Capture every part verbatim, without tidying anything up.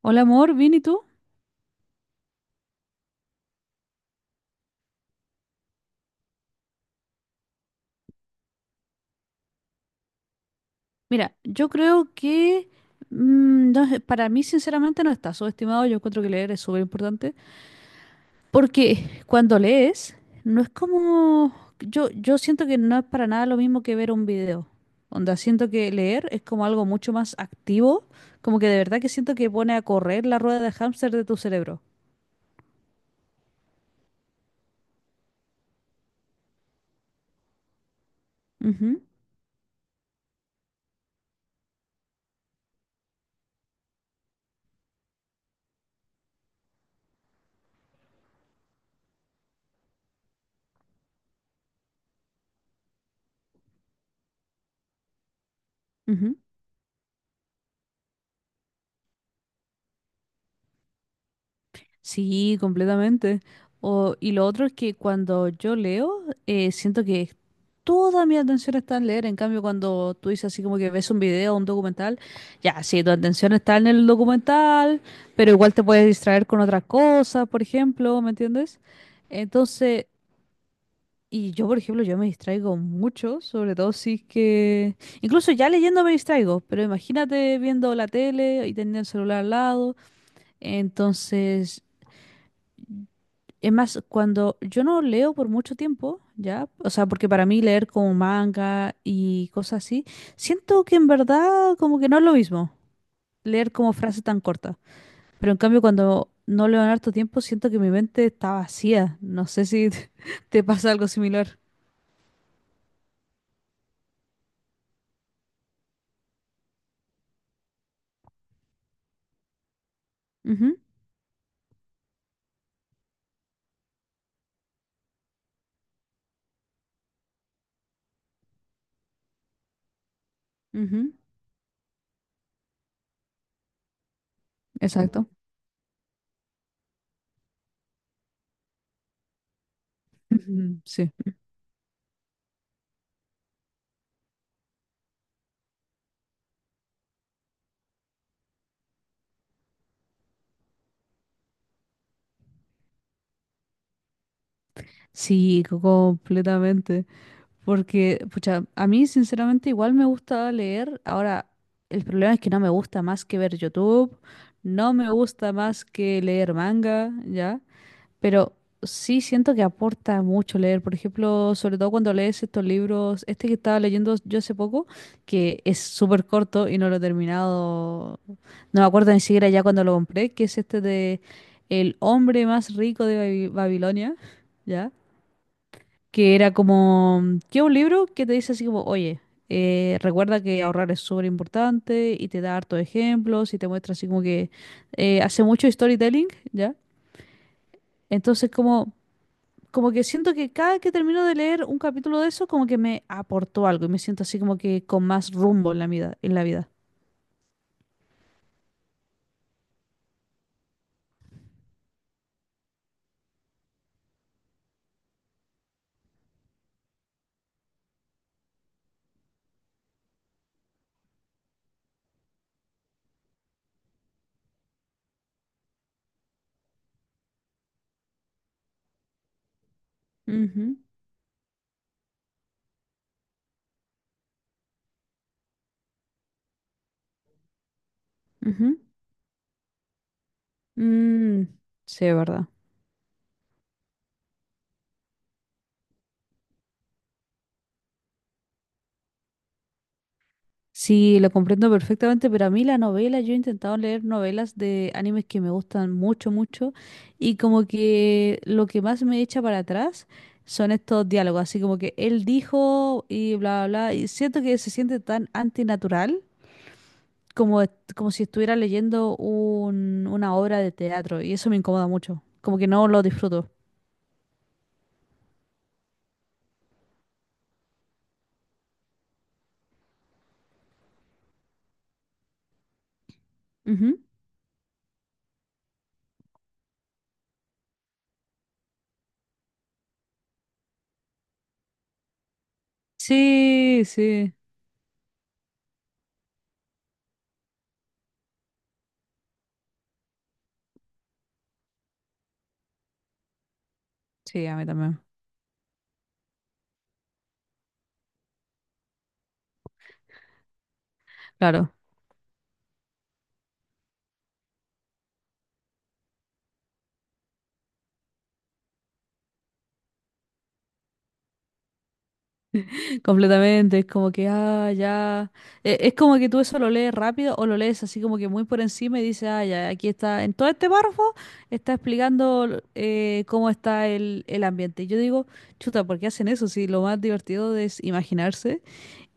Hola amor, ¿bien y tú? Mira, yo creo que mm, no sé, para mí sinceramente no está subestimado, yo encuentro que leer es súper importante, porque cuando lees no es como, yo, yo siento que no es para nada lo mismo que ver un video, onda, siento que leer es como algo mucho más activo, como que de verdad que siento que pone a correr la rueda de hámster de tu cerebro. Ujú, ujú. Sí, completamente. O- y lo otro es que cuando yo leo, eh, siento que toda mi atención está en leer. En cambio, cuando tú dices así como que ves un video, un documental, ya, sí, tu atención está en el documental, pero igual te puedes distraer con otras cosas, por ejemplo, ¿me entiendes? Entonces, y yo, por ejemplo, yo me distraigo mucho, sobre todo si es que... Incluso ya leyendo me distraigo, pero imagínate viendo la tele y teniendo el celular al lado. Entonces... Es más, cuando yo no leo por mucho tiempo, ya, o sea, porque para mí leer como manga y cosas así, siento que en verdad como que no es lo mismo leer como frases tan cortas. Pero en cambio, cuando no leo en harto tiempo, siento que mi mente está vacía. No sé si te, te pasa algo similar. Ujú, ujú. Exacto. Ujú. Sí. Sí, co- completamente. Porque, pucha, a mí sinceramente igual me gusta leer. Ahora, el problema es que no me gusta más que ver YouTube, no me gusta más que leer manga, ¿ya? Pero sí siento que aporta mucho leer. Por ejemplo, sobre todo cuando lees estos libros, este que estaba leyendo yo hace poco, que es súper corto y no lo he terminado, no me acuerdo ni siquiera ya cuando lo compré, que es este de El hombre más rico de Babi- Babilonia, ¿ya? Que era como, que un libro que te dice así como, oye, eh, recuerda que ahorrar es súper importante y te da hartos ejemplos y te muestra así como que eh, hace mucho storytelling, ¿ya? Entonces como, como que siento que cada que termino de leer un capítulo de eso, como que me aportó algo y me siento así como que con más rumbo en la vida, en la vida. Ujú, ujú. Mm, sí, es verdad. Sí, lo comprendo perfectamente, pero a mí la novela, yo he intentado leer novelas de animes que me gustan mucho, mucho, y como que lo que más me echa para atrás son estos diálogos, así como que él dijo y bla, bla, bla, y siento que se siente tan antinatural como, est- como si estuviera leyendo un- una obra de teatro, y eso me incomoda mucho, como que no lo disfruto. Ujú. Sí, sí, sí, a mí también, claro. Completamente, es como que, ah, ya. E- Es como que tú eso lo lees rápido o lo lees así como que muy por encima y dices, ah, ya, aquí está, en todo este párrafo está explicando eh, cómo está el, el ambiente. Y yo digo, chuta, ¿por qué hacen eso? Si lo más divertido es imaginarse.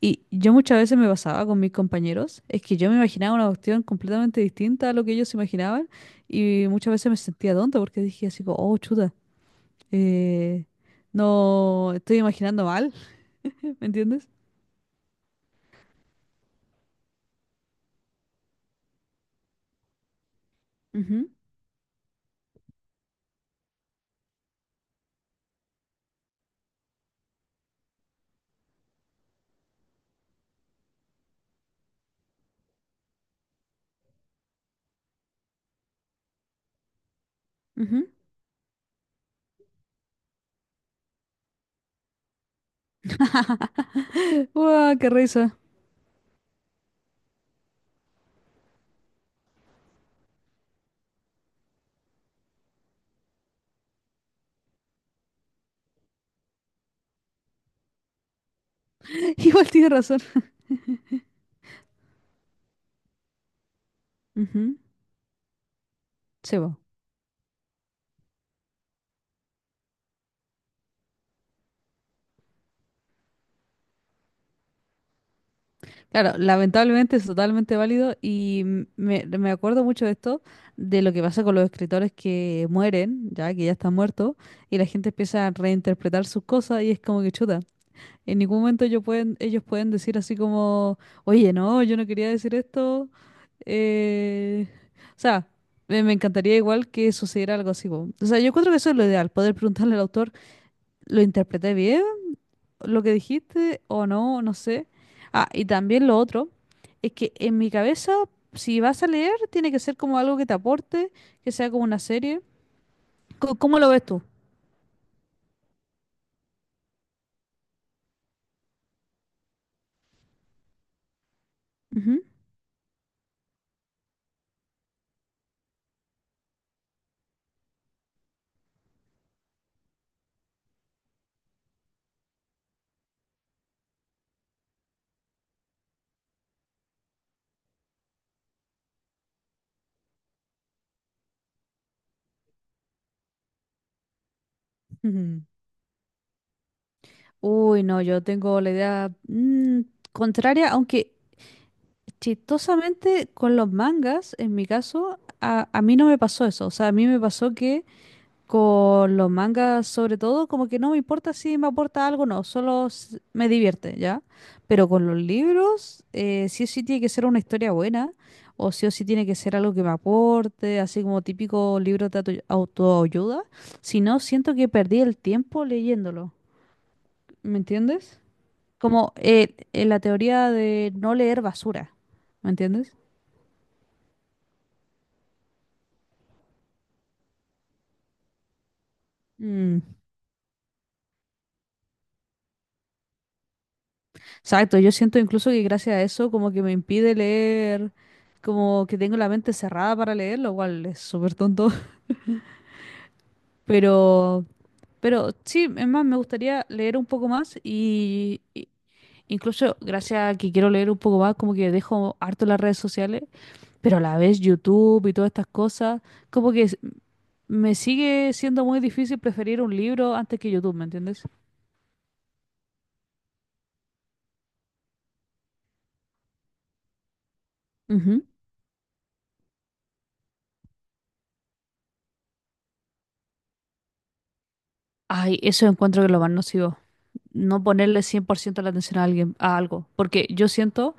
Y yo muchas veces me pasaba con mis compañeros, es que yo me imaginaba una cuestión completamente distinta a lo que ellos se imaginaban y muchas veces me sentía tonta porque dije así, como, oh, chuta, eh, no, estoy imaginando mal, ¿me entiendes? Ujú. Ujú. Uah, ¡qué risa! Igual tiene razón. Ujú. Sí, po. Claro, lamentablemente es totalmente válido y m- me, me acuerdo mucho de esto, de lo que pasa con los escritores que mueren, ya que ya están muertos, y la gente empieza a reinterpretar sus cosas y es como que chuta. En ningún momento ellos pueden, ellos pueden decir así como, oye, no, yo no quería decir esto. eh, O sea, me, me encantaría igual que sucediera algo así, po. O sea, yo creo que eso es lo ideal, poder preguntarle al autor. ¿Lo interpreté bien lo que dijiste o no? No sé. Ah, y también lo otro es que en mi cabeza, si vas a leer, tiene que ser como algo que te aporte, que sea como una serie. Co- ¿Cómo lo ves tú? Ujú. Ujú. Uy, no, yo tengo la idea mm, contraria, aunque chistosamente con los mangas, en mi caso, a, a mí no me pasó eso. O sea, a mí me pasó que con los mangas, sobre todo, como que no me importa si me aporta algo o no, solo s- me divierte, ¿ya? Pero con los libros, eh, sí o sí tiene que ser una historia buena, o sí o sí tiene que ser algo que me aporte, así como típico libro de auto- autoayuda. Si no, siento que perdí el tiempo leyéndolo, ¿me entiendes? Como eh, eh, la teoría de no leer basura, ¿me entiendes? Mm. Exacto, yo siento incluso que gracias a eso como que me impide leer, como que tengo la mente cerrada para leer, lo cual es súper tonto, pero, pero sí, es más, me gustaría leer un poco más y, y incluso gracias a que quiero leer un poco más, como que dejo harto las redes sociales, pero a la vez YouTube y todas estas cosas, como que s- me sigue siendo muy difícil preferir un libro antes que YouTube, ¿me entiendes? Ujú. Ay, eso encuentro que es lo más nocivo. No ponerle cien por ciento la atención a alguien, a algo. Porque yo siento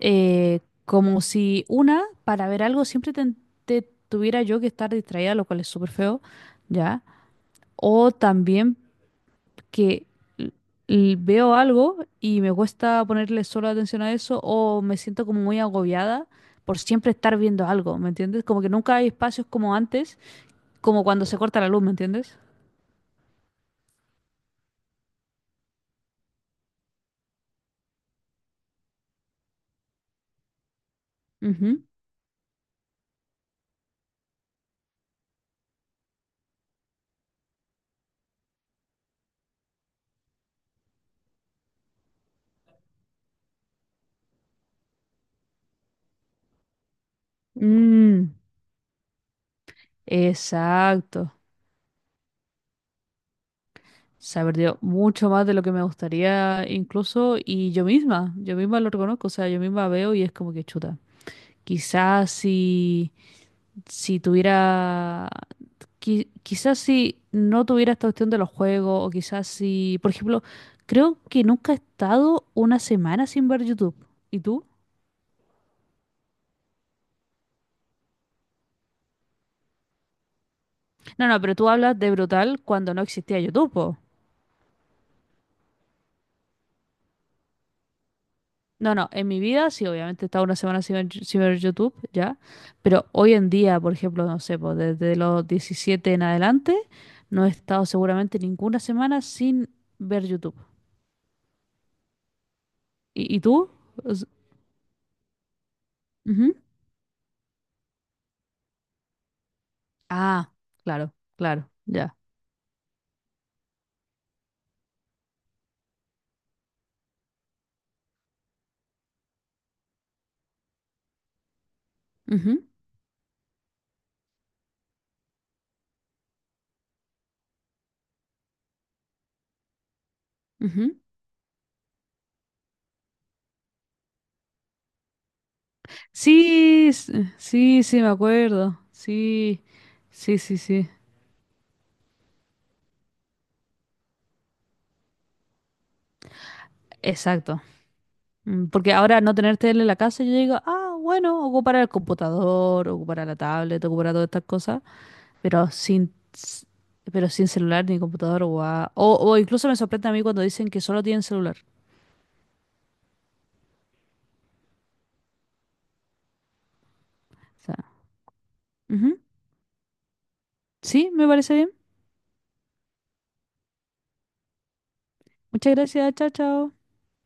eh, como si una, para ver algo, siempre te, te tuviera yo que estar distraída, lo cual es súper feo, ¿ya? O también que l- l- veo algo y me cuesta ponerle solo atención a eso, o me siento como muy agobiada por siempre estar viendo algo, ¿me entiendes? Como que nunca hay espacios como antes, como cuando se corta la luz, ¿me entiendes? Ujú. Mm, exacto. Se ha perdido mucho más de lo que me gustaría incluso y yo misma, yo misma lo reconozco, o sea, yo misma veo y es como que chuta. Quizás si, si tuviera, qui- quizás si no tuviera esta cuestión de los juegos o quizás si, por ejemplo, creo que nunca he estado una semana sin ver YouTube. ¿Y tú? No, no, pero tú hablas de brutal cuando no existía YouTube, po. No, no, en mi vida sí, obviamente he estado una semana sin ver, sin ver YouTube, ya, pero hoy en día, por ejemplo, no sé, pues desde los diecisiete en adelante, no he estado seguramente ninguna semana sin ver YouTube. ¿Y, y tú? Os- ujú. Ah, claro, claro, ya. Ujú, ujú. Sí, s- sí, sí, me acuerdo. Sí, sí, sí, sí. Exacto. Mm, porque ahora al no tener tele en la casa, yo digo, ah, bueno, ocupará el computador, ocupará la tablet, ocupará todas estas cosas. Pero sin, pero sin celular ni computador, guau. O, o incluso me sorprende a mí cuando dicen que solo tienen celular. O sea, ujú. Sí, me parece bien. Muchas gracias, chao, chao.